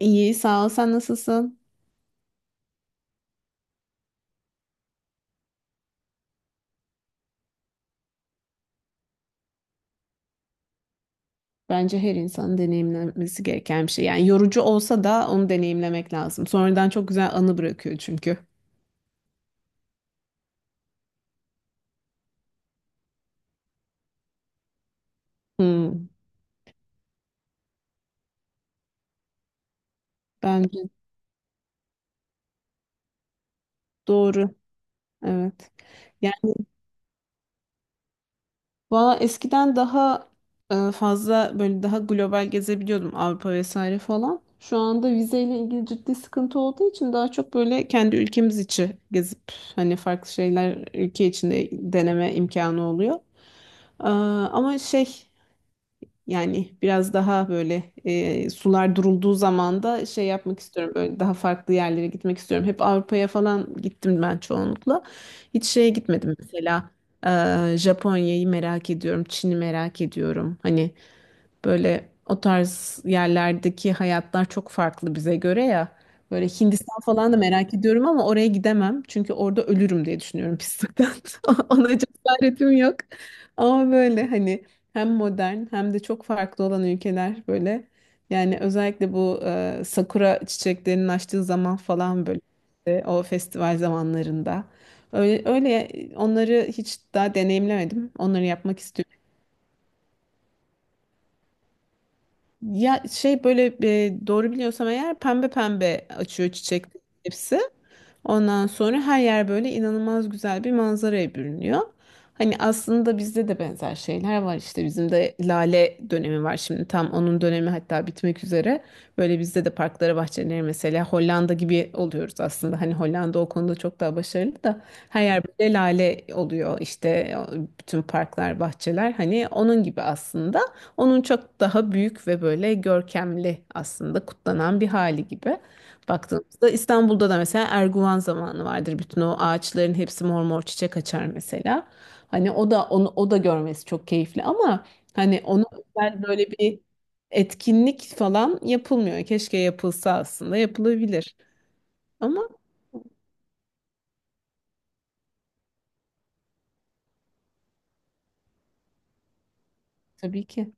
İyi, sağ ol. Sen nasılsın? Bence her insanın deneyimlemesi gereken bir şey. Yani yorucu olsa da onu deneyimlemek lazım. Sonradan çok güzel anı bırakıyor çünkü. Hmm, bence doğru. Evet. Yani valla eskiden daha fazla böyle daha global gezebiliyordum Avrupa vesaire falan. Şu anda vizeyle ilgili ciddi sıkıntı olduğu için daha çok böyle kendi ülkemiz içi gezip hani farklı şeyler ülke içinde deneme imkanı oluyor. Ama şey. Yani biraz daha böyle sular durulduğu zaman da şey yapmak istiyorum. Böyle daha farklı yerlere gitmek istiyorum. Hep Avrupa'ya falan gittim ben çoğunlukla. Hiç şeye gitmedim mesela. Japonya'yı merak ediyorum. Çin'i merak ediyorum. Hani böyle o tarz yerlerdeki hayatlar çok farklı bize göre ya. Böyle Hindistan falan da merak ediyorum ama oraya gidemem. Çünkü orada ölürüm diye düşünüyorum pislikten. Ona cesaretim yok. Ama böyle hani hem modern hem de çok farklı olan ülkeler böyle. Yani özellikle bu sakura çiçeklerinin açtığı zaman falan böyle o festival zamanlarında. Öyle, öyle onları hiç daha deneyimlemedim. Onları yapmak istiyorum. Ya şey böyle doğru biliyorsam eğer pembe pembe açıyor çiçek hepsi. Ondan sonra her yer böyle inanılmaz güzel bir manzaraya bürünüyor. Hani aslında bizde de benzer şeyler var işte bizim de lale dönemi var, şimdi tam onun dönemi, hatta bitmek üzere. Böyle bizde de parklara bahçeleri mesela Hollanda gibi oluyoruz aslında. Hani Hollanda o konuda çok daha başarılı da her yer böyle lale oluyor işte, bütün parklar bahçeler hani onun gibi aslında. Onun çok daha büyük ve böyle görkemli aslında kutlanan bir hali gibi. Baktığımızda İstanbul'da da mesela Erguvan zamanı vardır. Bütün o ağaçların hepsi mor mor çiçek açar mesela. Hani o da onu o da görmesi çok keyifli ama hani onu özel böyle bir etkinlik falan yapılmıyor. Keşke yapılsa, aslında yapılabilir. Ama tabii ki.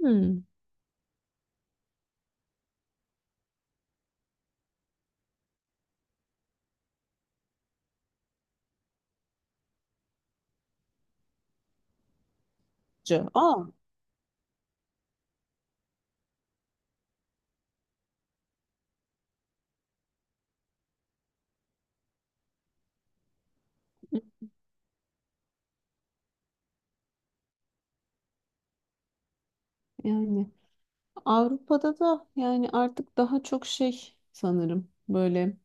Hmm. Aa, yani Avrupa'da da yani artık daha çok şey sanırım böyle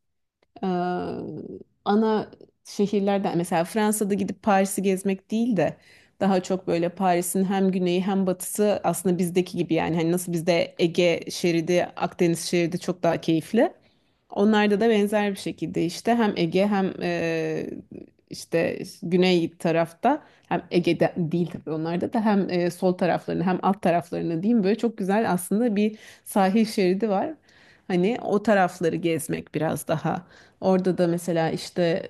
Ee, ana şehirlerden mesela Fransa'da gidip Paris'i gezmek değil de daha çok böyle Paris'in hem güneyi hem batısı, aslında bizdeki gibi yani hani nasıl bizde Ege şeridi, Akdeniz şeridi çok daha keyifli. Onlarda da benzer bir şekilde işte hem Ege hem işte güney tarafta, hem Ege'de değil tabii onlarda da hem sol taraflarını hem alt taraflarını diyeyim, böyle çok güzel aslında bir sahil şeridi var. Hani o tarafları gezmek biraz daha. Orada da mesela işte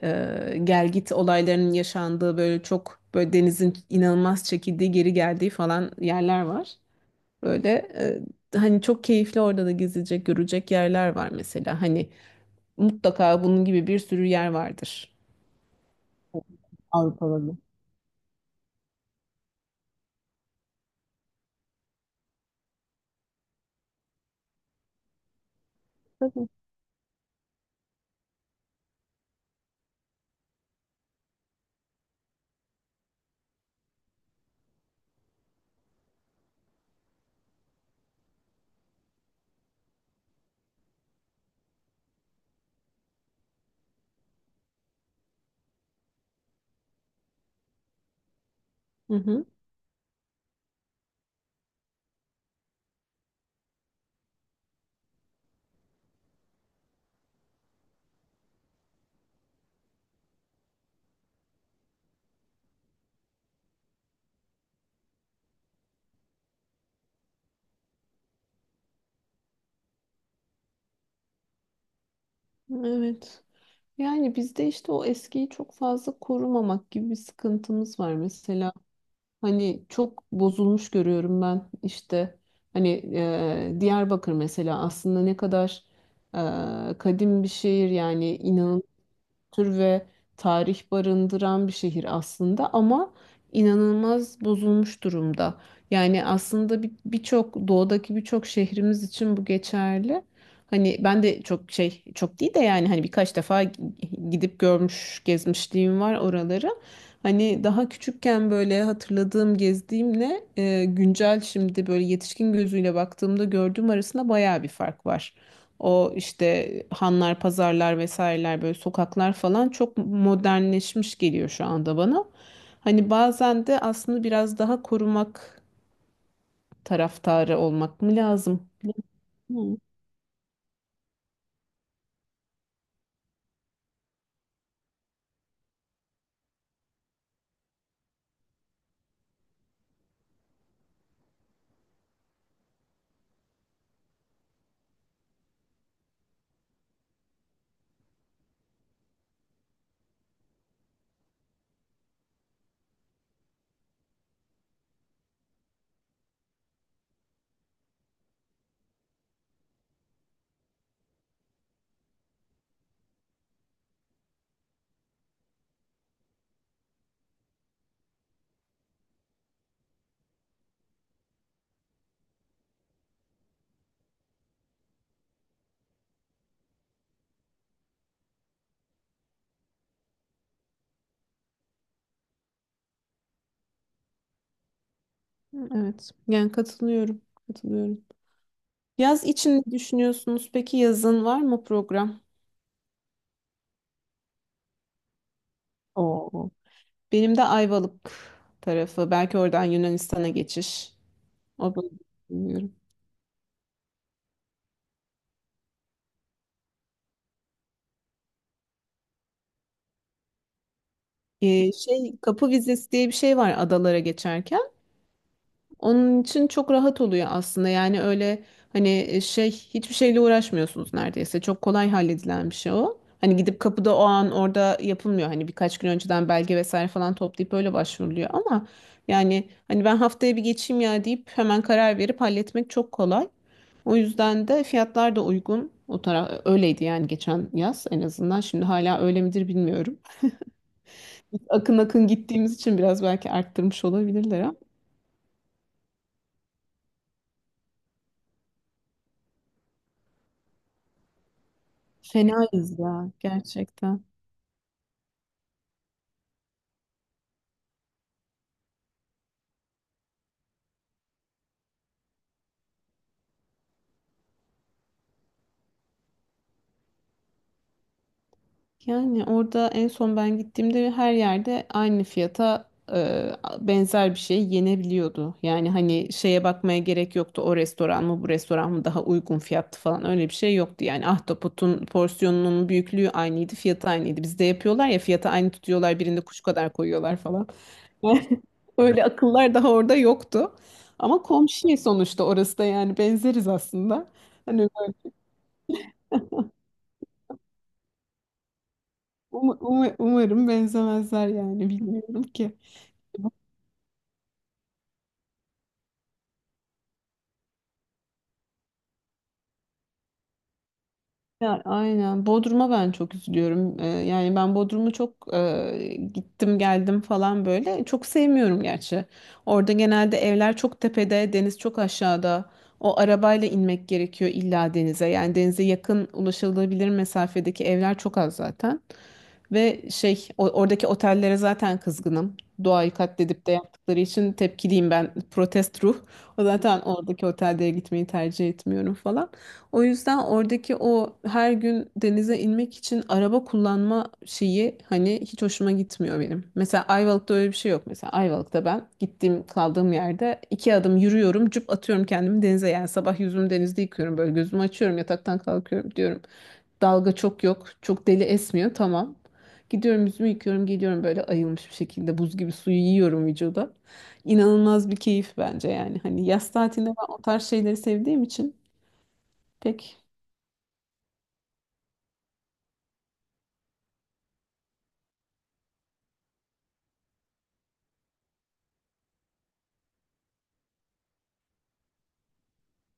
gel git olaylarının yaşandığı böyle çok böyle denizin inanılmaz çekildiği geri geldiği falan yerler var. Böyle hani çok keyifli orada da gezilecek görecek yerler var mesela. Hani mutlaka bunun gibi bir sürü yer vardır. Avrupa'da. Tabii. Hı hı. Evet. Yani bizde işte o eskiyi çok fazla korumamak gibi bir sıkıntımız var. Mesela hani çok bozulmuş görüyorum ben işte hani Diyarbakır mesela aslında ne kadar kadim bir şehir, yani kültür ve tarih barındıran bir şehir aslında ama inanılmaz bozulmuş durumda. Yani aslında birçok doğudaki birçok şehrimiz için bu geçerli. Hani ben de çok şey çok değil de yani hani birkaç defa gidip görmüş gezmişliğim var oraları. Hani daha küçükken böyle hatırladığım gezdiğimle güncel şimdi böyle yetişkin gözüyle baktığımda gördüğüm arasında bayağı bir fark var. O işte hanlar, pazarlar vesaireler böyle sokaklar falan çok modernleşmiş geliyor şu anda bana. Hani bazen de aslında biraz daha korumak taraftarı olmak mı lazım? Bilmiyorum. Evet. Yani katılıyorum. Katılıyorum. Yaz için ne düşünüyorsunuz? Peki yazın var mı program? Oo. Benim de Ayvalık tarafı. Belki oradan Yunanistan'a geçiş. O bölge bilmiyorum. Şey kapı vizesi diye bir şey var adalara geçerken. Onun için çok rahat oluyor aslında. Yani öyle hani şey hiçbir şeyle uğraşmıyorsunuz neredeyse. Çok kolay halledilen bir şey o. Hani gidip kapıda o an orada yapılmıyor. Hani birkaç gün önceden belge vesaire falan toplayıp öyle başvuruluyor ama yani hani ben haftaya bir geçeyim ya deyip hemen karar verip halletmek çok kolay. O yüzden de fiyatlar da uygun. O taraf öyleydi yani, geçen yaz en azından. Şimdi hala öyle midir bilmiyorum. Akın akın gittiğimiz için biraz belki arttırmış olabilirler ama fenayız ya gerçekten. Yani orada en son ben gittiğimde her yerde aynı fiyata benzer bir şey yenebiliyordu. Yani hani şeye bakmaya gerek yoktu. O restoran mı bu restoran mı daha uygun fiyatlı falan öyle bir şey yoktu. Yani ahtapotun porsiyonunun büyüklüğü aynıydı, fiyatı aynıydı. Bizde yapıyorlar ya, fiyatı aynı tutuyorlar, birinde kuş kadar koyuyorlar falan. Öyle akıllar daha orada yoktu. Ama komşu sonuçta orası da, yani benzeriz aslında. Hani umarım benzemezler yani, bilmiyorum ki. Ya aynen. Bodrum'a ben çok üzülüyorum. Yani ben Bodrum'u çok gittim geldim falan böyle. Çok sevmiyorum gerçi. Orada genelde evler çok tepede, deniz çok aşağıda. O arabayla inmek gerekiyor illa denize. Yani denize yakın ulaşılabilir mesafedeki evler çok az zaten. Ve şey oradaki otellere zaten kızgınım. Doğayı katledip de yaptıkları için tepkiliyim ben. Protest ruh. O zaten oradaki otellere gitmeyi tercih etmiyorum falan. O yüzden oradaki o her gün denize inmek için araba kullanma şeyi hani hiç hoşuma gitmiyor benim. Mesela Ayvalık'ta öyle bir şey yok. Mesela Ayvalık'ta ben gittiğim kaldığım yerde iki adım yürüyorum, cüp atıyorum kendimi denize. Yani sabah yüzümü denizde yıkıyorum böyle, gözümü açıyorum yataktan kalkıyorum diyorum. Dalga çok yok, çok deli esmiyor, tamam. Gidiyorum yüzümü yıkıyorum geliyorum böyle ayılmış bir şekilde, buz gibi suyu yiyorum vücuda. İnanılmaz bir keyif bence yani. Hani yaz tatilinde ben o tarz şeyleri sevdiğim için pek.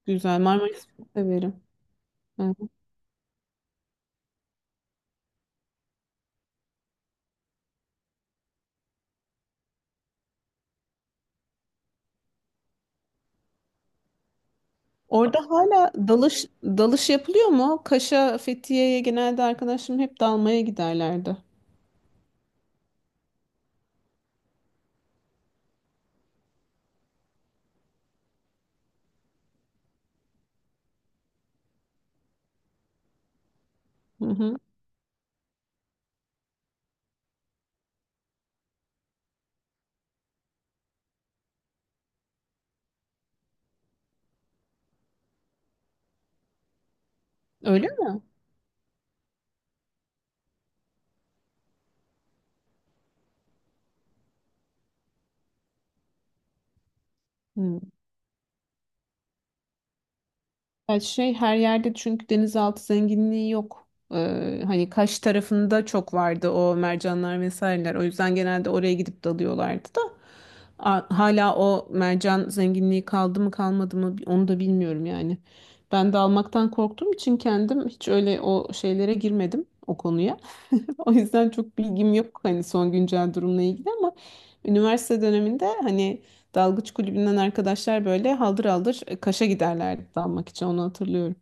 Güzel. Marmaris'i çok severim. Evet. Orada hala dalış yapılıyor mu? Kaş'a, Fethiye'ye genelde arkadaşlarım hep dalmaya giderlerdi. Hı hı. Öyle mi? Hı. Ya şey her yerde çünkü denizaltı zenginliği yok. Hani Kaş tarafında çok vardı o mercanlar vesaireler. O yüzden genelde oraya gidip dalıyorlardı da. Hala o mercan zenginliği kaldı mı kalmadı mı onu da bilmiyorum yani. Ben dalmaktan korktuğum için kendim hiç öyle o şeylere girmedim o konuya. O yüzden çok bilgim yok hani son güncel durumla ilgili ama üniversite döneminde hani dalgıç kulübünden arkadaşlar böyle haldır haldır Kaş'a giderlerdi dalmak için, onu hatırlıyorum.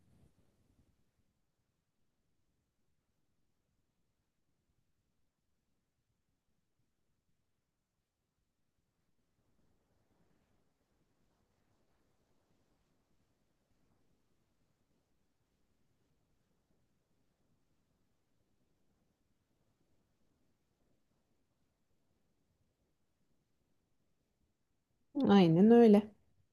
Aynen öyle.